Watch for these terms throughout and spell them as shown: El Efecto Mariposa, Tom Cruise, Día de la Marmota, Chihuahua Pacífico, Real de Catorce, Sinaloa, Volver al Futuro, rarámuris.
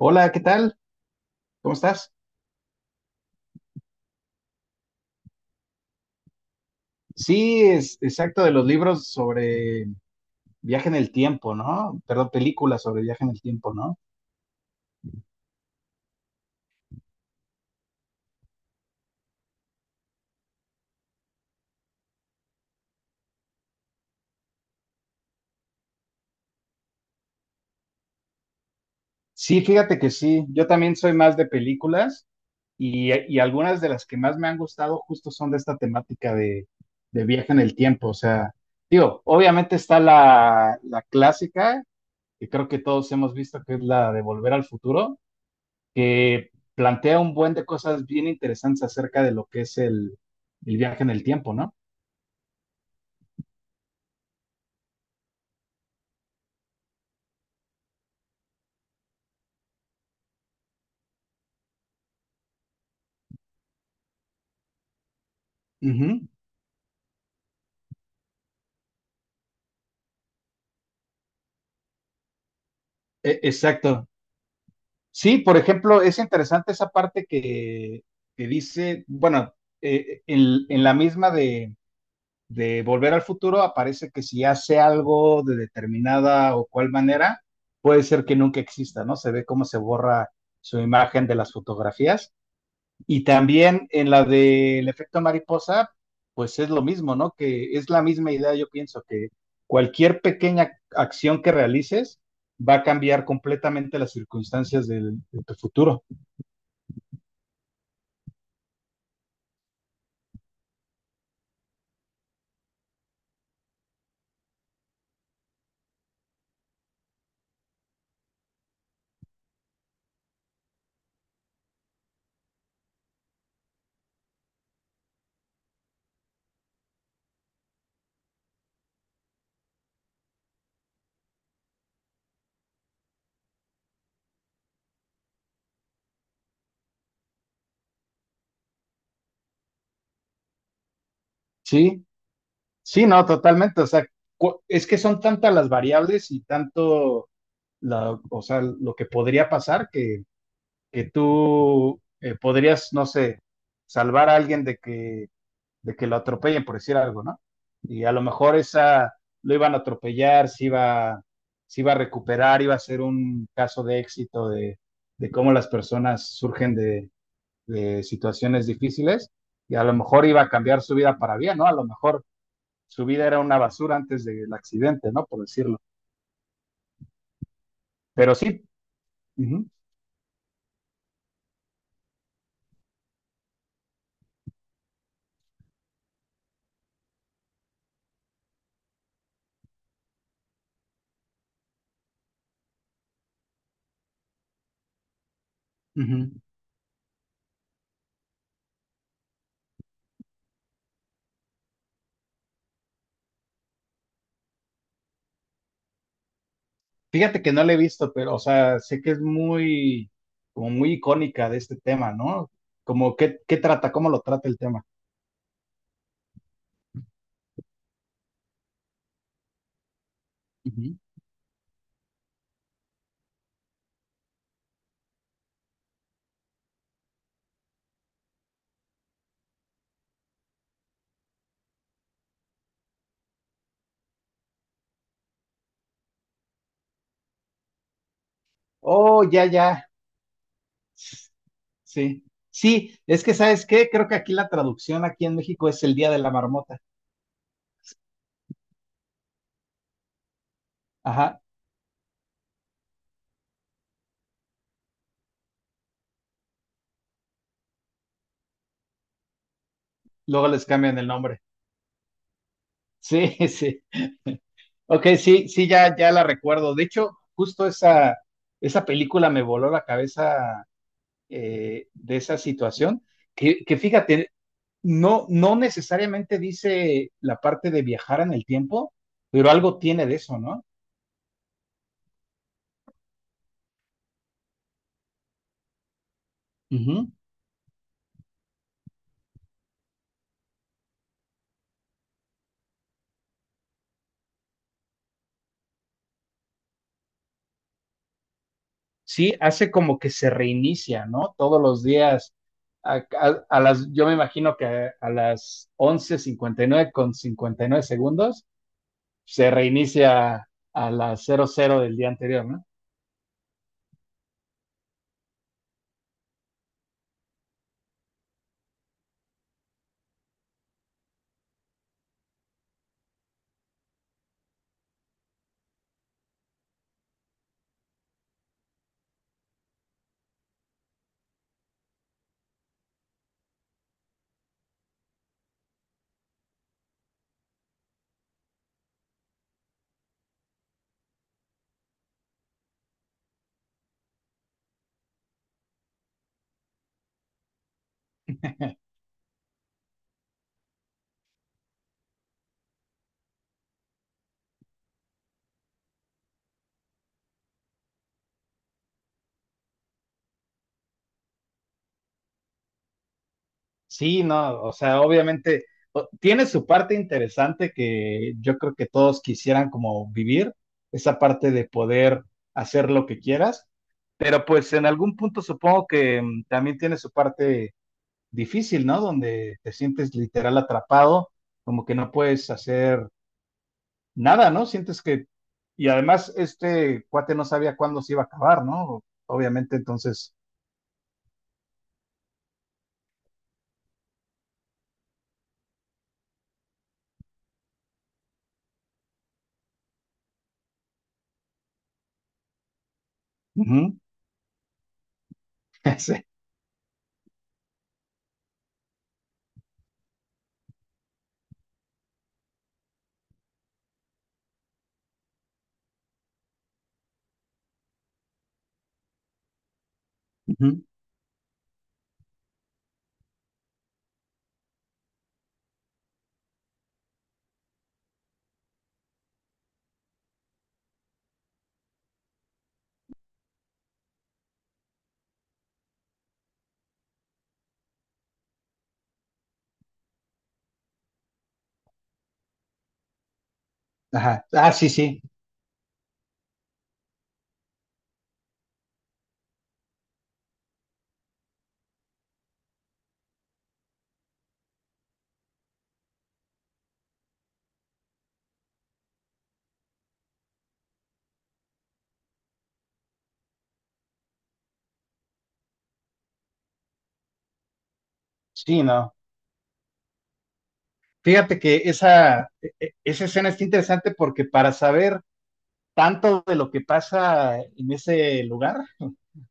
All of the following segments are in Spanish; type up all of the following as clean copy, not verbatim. Hola, ¿qué tal? ¿Cómo estás? Sí, es exacto de los libros sobre viaje en el tiempo, ¿no? Perdón, películas sobre viaje en el tiempo, ¿no? Sí, fíjate que sí, yo también soy más de películas y algunas de las que más me han gustado justo son de esta temática de viaje en el tiempo, o sea, digo, obviamente está la clásica, que creo que todos hemos visto, que es la de Volver al Futuro, que plantea un buen de cosas bien interesantes acerca de lo que es el viaje en el tiempo, ¿no? Ujú. Exacto. Sí, por ejemplo, es interesante esa parte que dice, bueno, en la misma de Volver al Futuro aparece que si hace algo de determinada o cual manera, puede ser que nunca exista, ¿no? Se ve cómo se borra su imagen de las fotografías. Y también en la del efecto mariposa, pues es lo mismo, ¿no? Que es la misma idea, yo pienso, que cualquier pequeña acción que realices va a cambiar completamente las circunstancias del, de tu futuro. Sí, sí, no, totalmente. O sea, es que son tantas las variables y tanto, la, o sea, lo que podría pasar que tú podrías, no sé, salvar a alguien de que lo atropellen, por decir algo, ¿no? Y a lo mejor esa lo iban a atropellar, se iba a recuperar, iba a ser un caso de éxito de cómo las personas surgen de situaciones difíciles y a lo mejor iba a cambiar su vida para bien, ¿no? A lo mejor su vida era una basura antes del accidente, ¿no? Por decirlo. Pero sí, ujú, ujú. Fíjate que no la he visto, pero, o sea, sé que es muy, como muy icónica de este tema, ¿no? Como qué, qué trata, cómo lo trata el tema. Oh, ya, ya. Sí. Sí, es que ¿sabes qué? Creo que aquí la traducción aquí en México es el Día de la Marmota. Ajá. Luego les cambian el nombre. Sí, sí. Ok, sí, sí, ya, ya la recuerdo. De hecho, justo esa, esa película me voló la cabeza de esa situación. Que fíjate, no, no necesariamente dice la parte de viajar en el tiempo, pero algo tiene de eso, ¿no? Ujú. Sí, hace como que se reinicia, ¿no? Todos los días, a, a las, yo me imagino que a las 11:59:59, se reinicia a las 00:00 del día anterior, ¿no? Sí, no, o sea, obviamente tiene su parte interesante que yo creo que todos quisieran como vivir, esa parte de poder hacer lo que quieras, pero pues en algún punto supongo que también tiene su parte difícil, ¿no? Donde te sientes literal atrapado, como que no puedes hacer nada, ¿no? Sientes que... Y además este cuate no sabía cuándo se iba a acabar, ¿no? Obviamente, entonces... ujú, sí, ujú, ajá. Ah, sí, sí, sí, no. Fíjate que esa, esa escena está interesante porque para saber tanto de lo que pasa en ese lugar?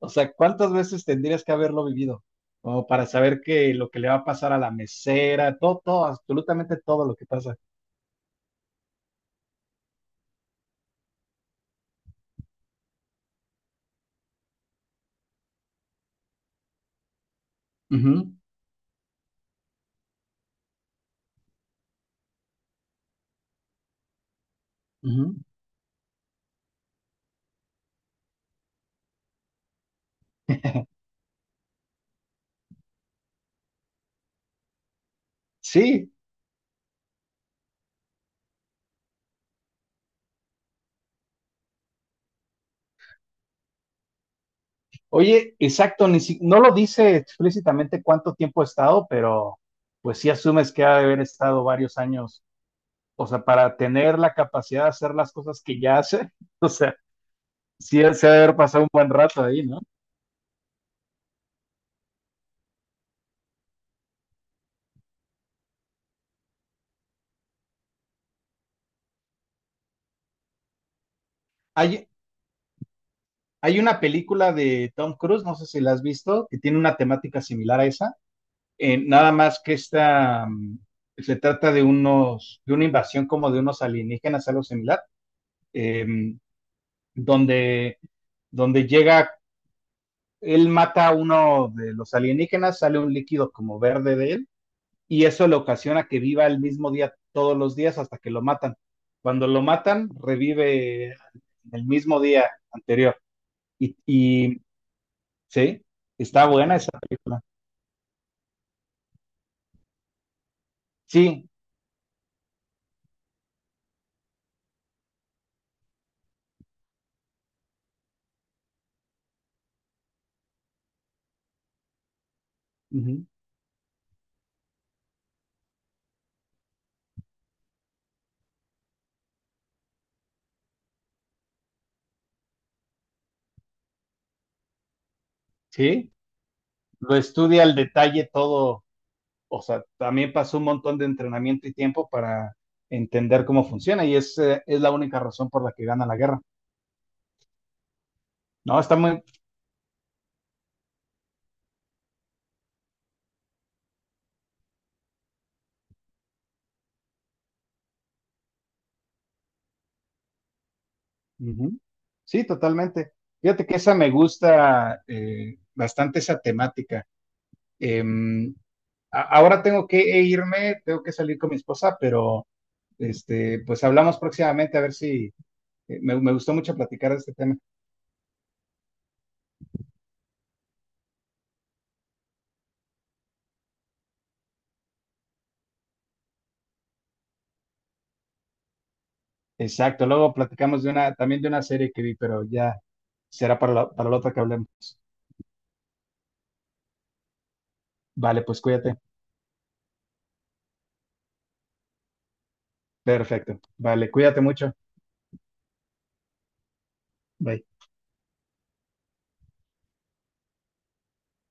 O sea, ¿cuántas veces tendrías que haberlo vivido? Como para saber que lo que le va a pasar a la mesera, todo, todo, absolutamente todo lo que pasa. Ujú, ujú. Sí, oye, exacto, ni si- no lo dice explícitamente cuánto tiempo ha estado, pero pues sí asumes que ha de haber estado varios años, o sea, para tener la capacidad de hacer las cosas que ya hace, o sea, sí se ha de haber pasado un buen rato ahí, ¿no? Hay, Hay una película de Tom Cruise, no sé si la has visto, que tiene una temática similar a esa. Nada más que esta se trata de unos, de una invasión como de unos alienígenas, algo similar, eh, donde, donde llega, él mata a uno de los alienígenas, sale un líquido como verde de él, y eso le ocasiona que viva el mismo día todos los días hasta que lo matan. Cuando lo matan, revive el mismo día anterior. Y sí, está buena esa película. Sí, ujú, sí, lo estudia al detalle todo, o sea, también pasó un montón de entrenamiento y tiempo para entender cómo funciona y es la única razón por la que gana la guerra. No, está muy... Ujú, sí, totalmente. Fíjate que esa me gusta bastante esa temática. Em, ahora tengo que irme, tengo que salir con mi esposa, pero este, pues hablamos próximamente a ver si me gustó mucho platicar de este tema. Exacto, luego platicamos de una, también de una serie que vi, pero ya será para la otra que hablemos. Vale, pues cuídate. Perfecto. Vale, cuídate mucho. Bye.